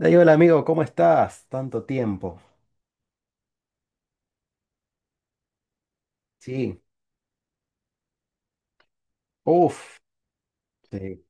Ey, hola amigo, ¿cómo estás? Tanto tiempo. Sí. Uf. Sí,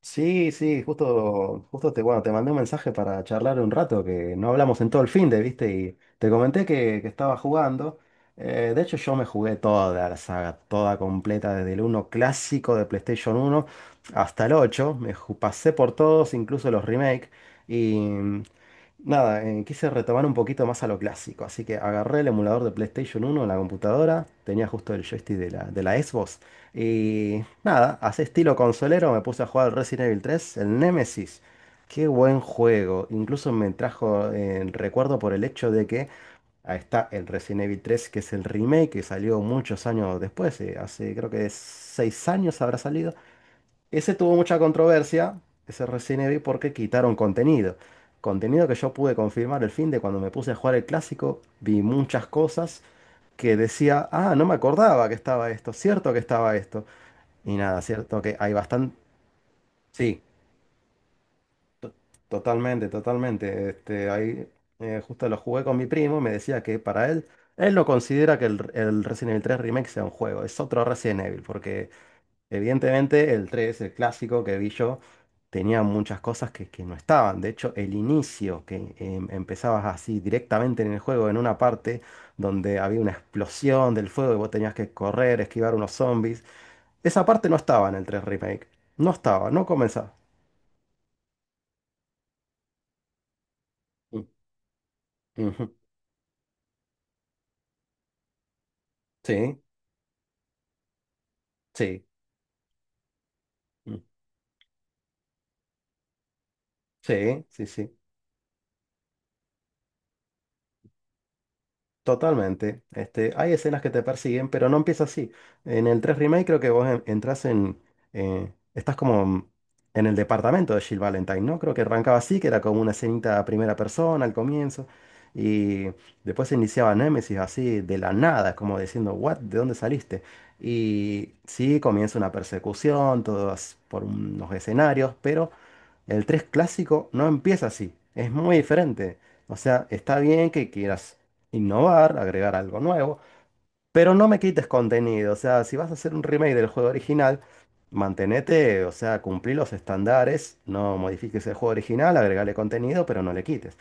sí, sí, justo, bueno, te mandé un mensaje para charlar un rato, que no hablamos en todo el fin de, ¿viste? Y te comenté que estaba jugando. De hecho, yo me jugué toda la saga, toda completa, desde el uno clásico de PlayStation uno hasta el 8. Pasé por todos, incluso los remakes. Y nada, quise retomar un poquito más a lo clásico, así que agarré el emulador de PlayStation uno en la computadora, tenía justo el joystick de la Xbox, y nada, así estilo consolero me puse a jugar Resident Evil tres, el Nemesis. Qué buen juego, incluso me trajo el recuerdo por el hecho de que ahí está el Resident Evil tres, que es el remake que salió muchos años después. Hace creo que 6 años habrá salido. Ese tuvo mucha controversia, ese Resident Evil, porque quitaron contenido. Contenido que yo pude confirmar el fin de, cuando me puse a jugar el clásico. Vi muchas cosas que decía, ah, no me acordaba que estaba esto, cierto que estaba esto. Y nada, cierto que hay bastante. Sí, totalmente, totalmente. Este, ahí justo lo jugué con mi primo, me decía que para él, él no considera que el Resident Evil 3 Remake sea un juego, es otro Resident Evil, porque evidentemente, el 3, el clásico que vi yo, tenía muchas cosas que no estaban. De hecho, el inicio, que empezabas así directamente en el juego, en una parte donde había una explosión del fuego y vos tenías que correr, esquivar unos zombies. Esa parte no estaba en el 3 Remake. No estaba, no comenzaba. Mm, ujú. Sí, sí, mm, sí, sí, sí. Totalmente. Este, hay escenas que te persiguen, pero no empieza así. En el 3 Remake creo que vos entras en, estás como en el departamento de Jill Valentine, ¿no? Creo que arrancaba así, que era como una escenita a primera persona al comienzo. Y después se iniciaba Nemesis así de la nada, como diciendo, ¿what? ¿De dónde saliste? Y sí, comienza una persecución, todas por unos escenarios, pero el 3 clásico no empieza así, es muy diferente. O sea, está bien que quieras innovar, agregar algo nuevo, pero no me quites contenido. O sea, si vas a hacer un remake del juego original, mantenete, o sea, cumplí los estándares, no modifiques el juego original, agregale contenido, pero no le quites.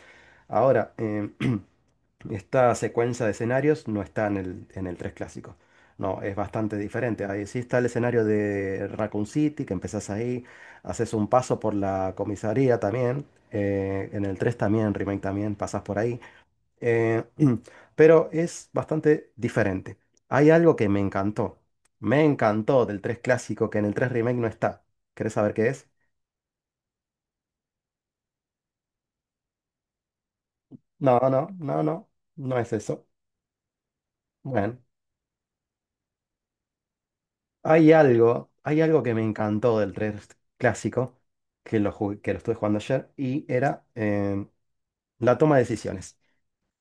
Ahora, esta secuencia de escenarios no está en el 3 clásico. No, es bastante diferente. Ahí sí está el escenario de Raccoon City, que empezás ahí, haces un paso por la comisaría también. En el 3 también, en Remake también, pasas por ahí. eh, pero es bastante diferente. Hay algo que me encantó. Me encantó del 3 clásico, que en el 3 Remake no está. ¿Querés saber qué es? No, no, no, no. No es eso. Bueno. Hay algo que me encantó del 3 clásico, que lo estuve jugando ayer, y era la toma de decisiones.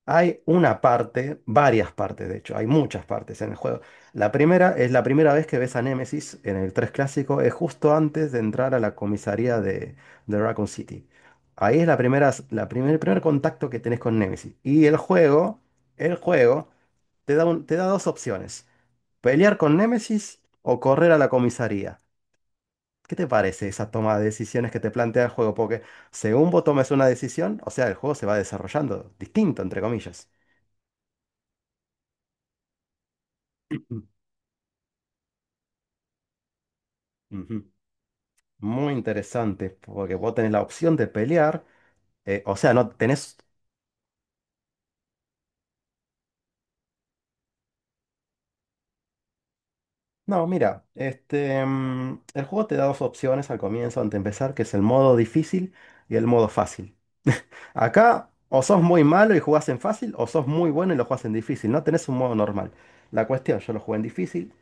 Hay una parte, varias partes de hecho, hay muchas partes en el juego. La primera es la primera vez que ves a Nemesis en el 3 clásico, es justo antes de entrar a la comisaría de Raccoon City. Ahí es la primera, la primer, el primer contacto que tenés con Nemesis. Y el juego, el juego, te da, te da dos opciones. ¿Pelear con Némesis o correr a la comisaría? ¿Qué te parece esa toma de decisiones que te plantea el juego? Porque según vos tomes una decisión, o sea, el juego se va desarrollando distinto, entre comillas. Ujú. Ujú. Muy interesante, porque vos tenés la opción de pelear, o sea, no tenés. No, mira, este, el juego te da dos opciones al comienzo, antes de empezar, que es el modo difícil y el modo fácil. Acá o sos muy malo y jugás en fácil, o sos muy bueno y lo jugás en difícil. No tenés un modo normal. La cuestión, yo lo jugué en difícil,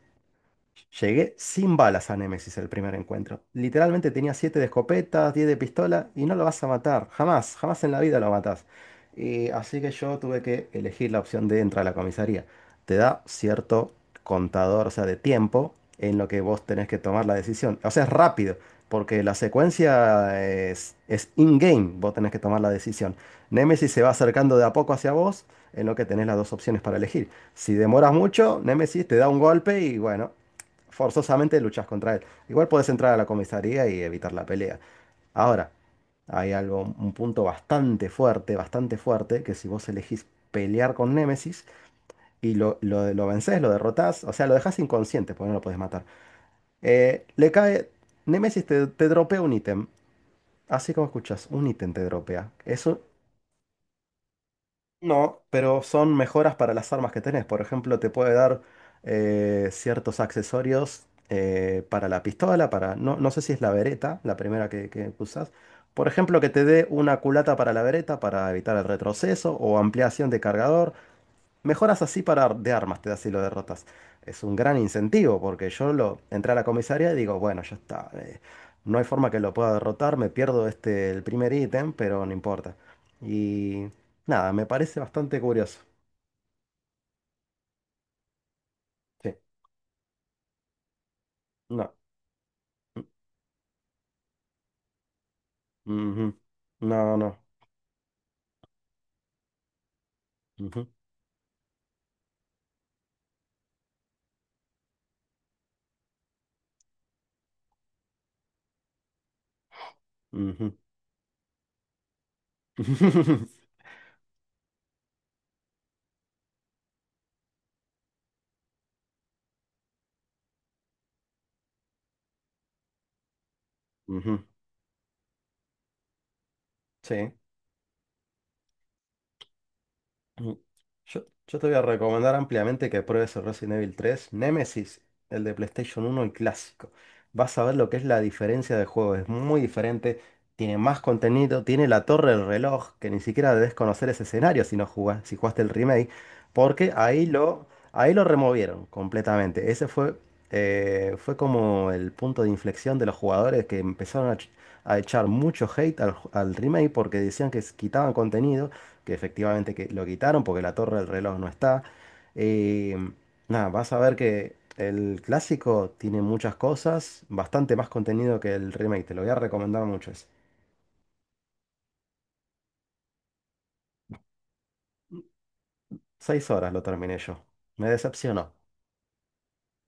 llegué sin balas a Nemesis el primer encuentro. Literalmente tenía 7 de escopeta, 10 de pistola y no lo vas a matar. Jamás, jamás en la vida lo matás. Y así que yo tuve que elegir la opción de entrar a la comisaría. Te da cierto contador, o sea, de tiempo en lo que vos tenés que tomar la decisión. O sea, es rápido, porque la secuencia es in-game. Vos tenés que tomar la decisión. Nemesis se va acercando de a poco hacia vos, en lo que tenés las dos opciones para elegir. Si demoras mucho, Nemesis te da un golpe y, bueno, forzosamente luchas contra él. Igual puedes entrar a la comisaría y evitar la pelea. Ahora, hay algo, un punto bastante fuerte, que si vos elegís pelear con Némesis y lo vencés, lo derrotás, o sea, lo dejás inconsciente porque no lo podés matar. Le cae, Némesis te dropea un ítem, así como escuchas, un ítem te dropea. Eso. No, pero son mejoras para las armas que tenés. Por ejemplo, te puede dar ciertos accesorios, para la pistola, para. No, no sé si es la vereta, la primera que usás. Por ejemplo, que te dé una culata para la vereta para evitar el retroceso o ampliación de cargador. Mejoras así para ar- de armas, te da si lo derrotas. Es un gran incentivo porque yo lo entré a la comisaría y digo, bueno, ya está. No hay forma que lo pueda derrotar, me pierdo este el primer ítem, pero no importa. Y nada, me parece bastante curioso. Sí, no. Mm, ujú, no, no. Ujú, ujú, ujú. Sí. Mm. Yo te voy a recomendar ampliamente que pruebes el Resident Evil 3, Nemesis, el de PlayStation uno, el clásico. Vas a ver lo que es la diferencia de juego, es muy diferente, tiene más contenido, tiene la torre del reloj, que ni siquiera debes conocer ese escenario si no jugás, si jugaste el remake, porque ahí lo removieron completamente. Ese fue, fue como el punto de inflexión de los jugadores que empezaron a, a echar mucho hate al remake, porque decían que quitaban contenido, que efectivamente que lo quitaron, porque la torre del reloj no está. Eh, Nada, vas a ver que el clásico tiene muchas cosas, bastante más contenido que el remake, te lo voy a recomendar mucho. Es 6 horas lo terminé yo. Me decepcionó.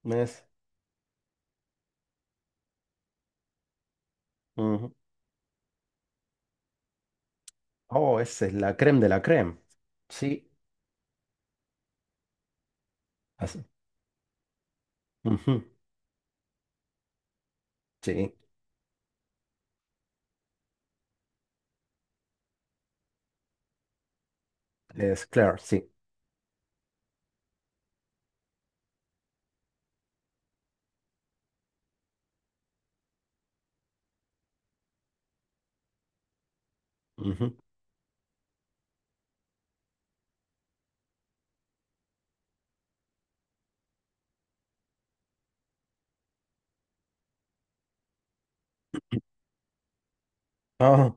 Me des- Ujú. Oh, esa es la creme de la creme. Sí, así. Ujú. Sí, es Claire, sí. Ujú. Ah,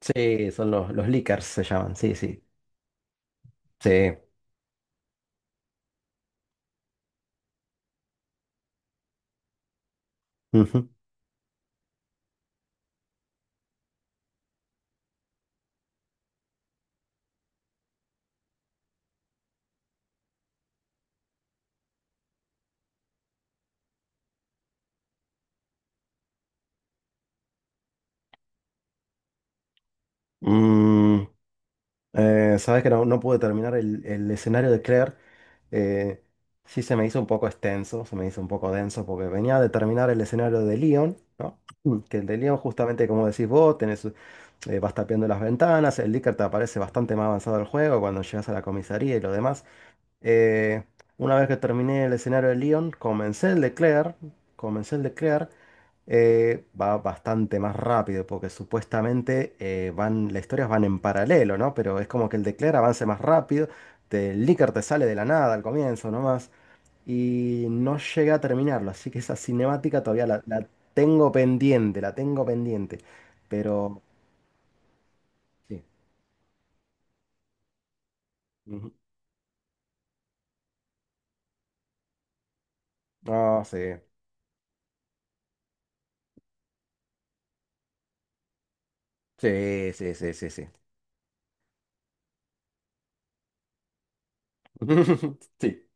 sí, son los leakers se llaman, sí, sí. Sí. Ujú. Mm. Sabes que no, no pude terminar el escenario de Claire. eh, sí, se me hizo un poco extenso, se me hizo un poco denso porque venía de terminar el escenario de Leon, ¿no? Que el de Leon, justamente como decís vos, tenés, vas tapeando las ventanas, el Licker te aparece bastante más avanzado el juego, cuando llegas a la comisaría y lo demás. Eh, una vez que terminé el escenario de Leon, comencé el de Claire, comencé el de Claire va bastante más rápido, porque supuestamente las historias van en paralelo, ¿no? Pero es como que el de Claire avance más rápido, el Licker te sale de la nada al comienzo nomás, y no llega a terminarlo, así que esa cinemática todavía la, la tengo pendiente, pero. Sí. Ujú. Ah, sí, sí, sí, sí, sí, sí. Sí.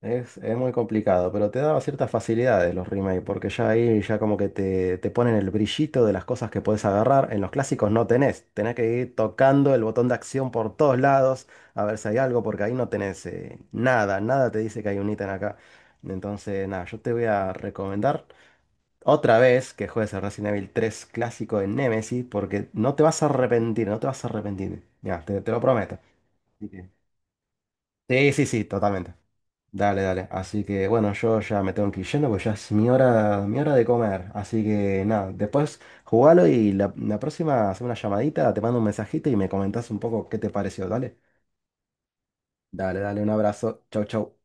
Es muy complicado, pero te daba ciertas facilidades los remakes, porque ya ahí ya como que te ponen el brillito de las cosas que puedes agarrar. En los clásicos no tenés, tenés que ir tocando el botón de acción por todos lados, a ver si hay algo, porque ahí no tenés nada, nada te dice que hay un ítem acá. Entonces, nada, yo te voy a recomendar otra vez que juegues el Resident Evil tres clásico, en Nemesis, porque no te vas a arrepentir, no te vas a arrepentir. Ya, te lo prometo. Así que- Sí, sí, sí, totalmente. Dale, dale. Así que bueno, yo ya me tengo que ir yendo porque ya es mi hora de comer. Así que nada, después jugalo y la próxima hace una llamadita, te mando un mensajito y me comentás un poco qué te pareció. Dale. Dale, dale, un abrazo. Chau, chau.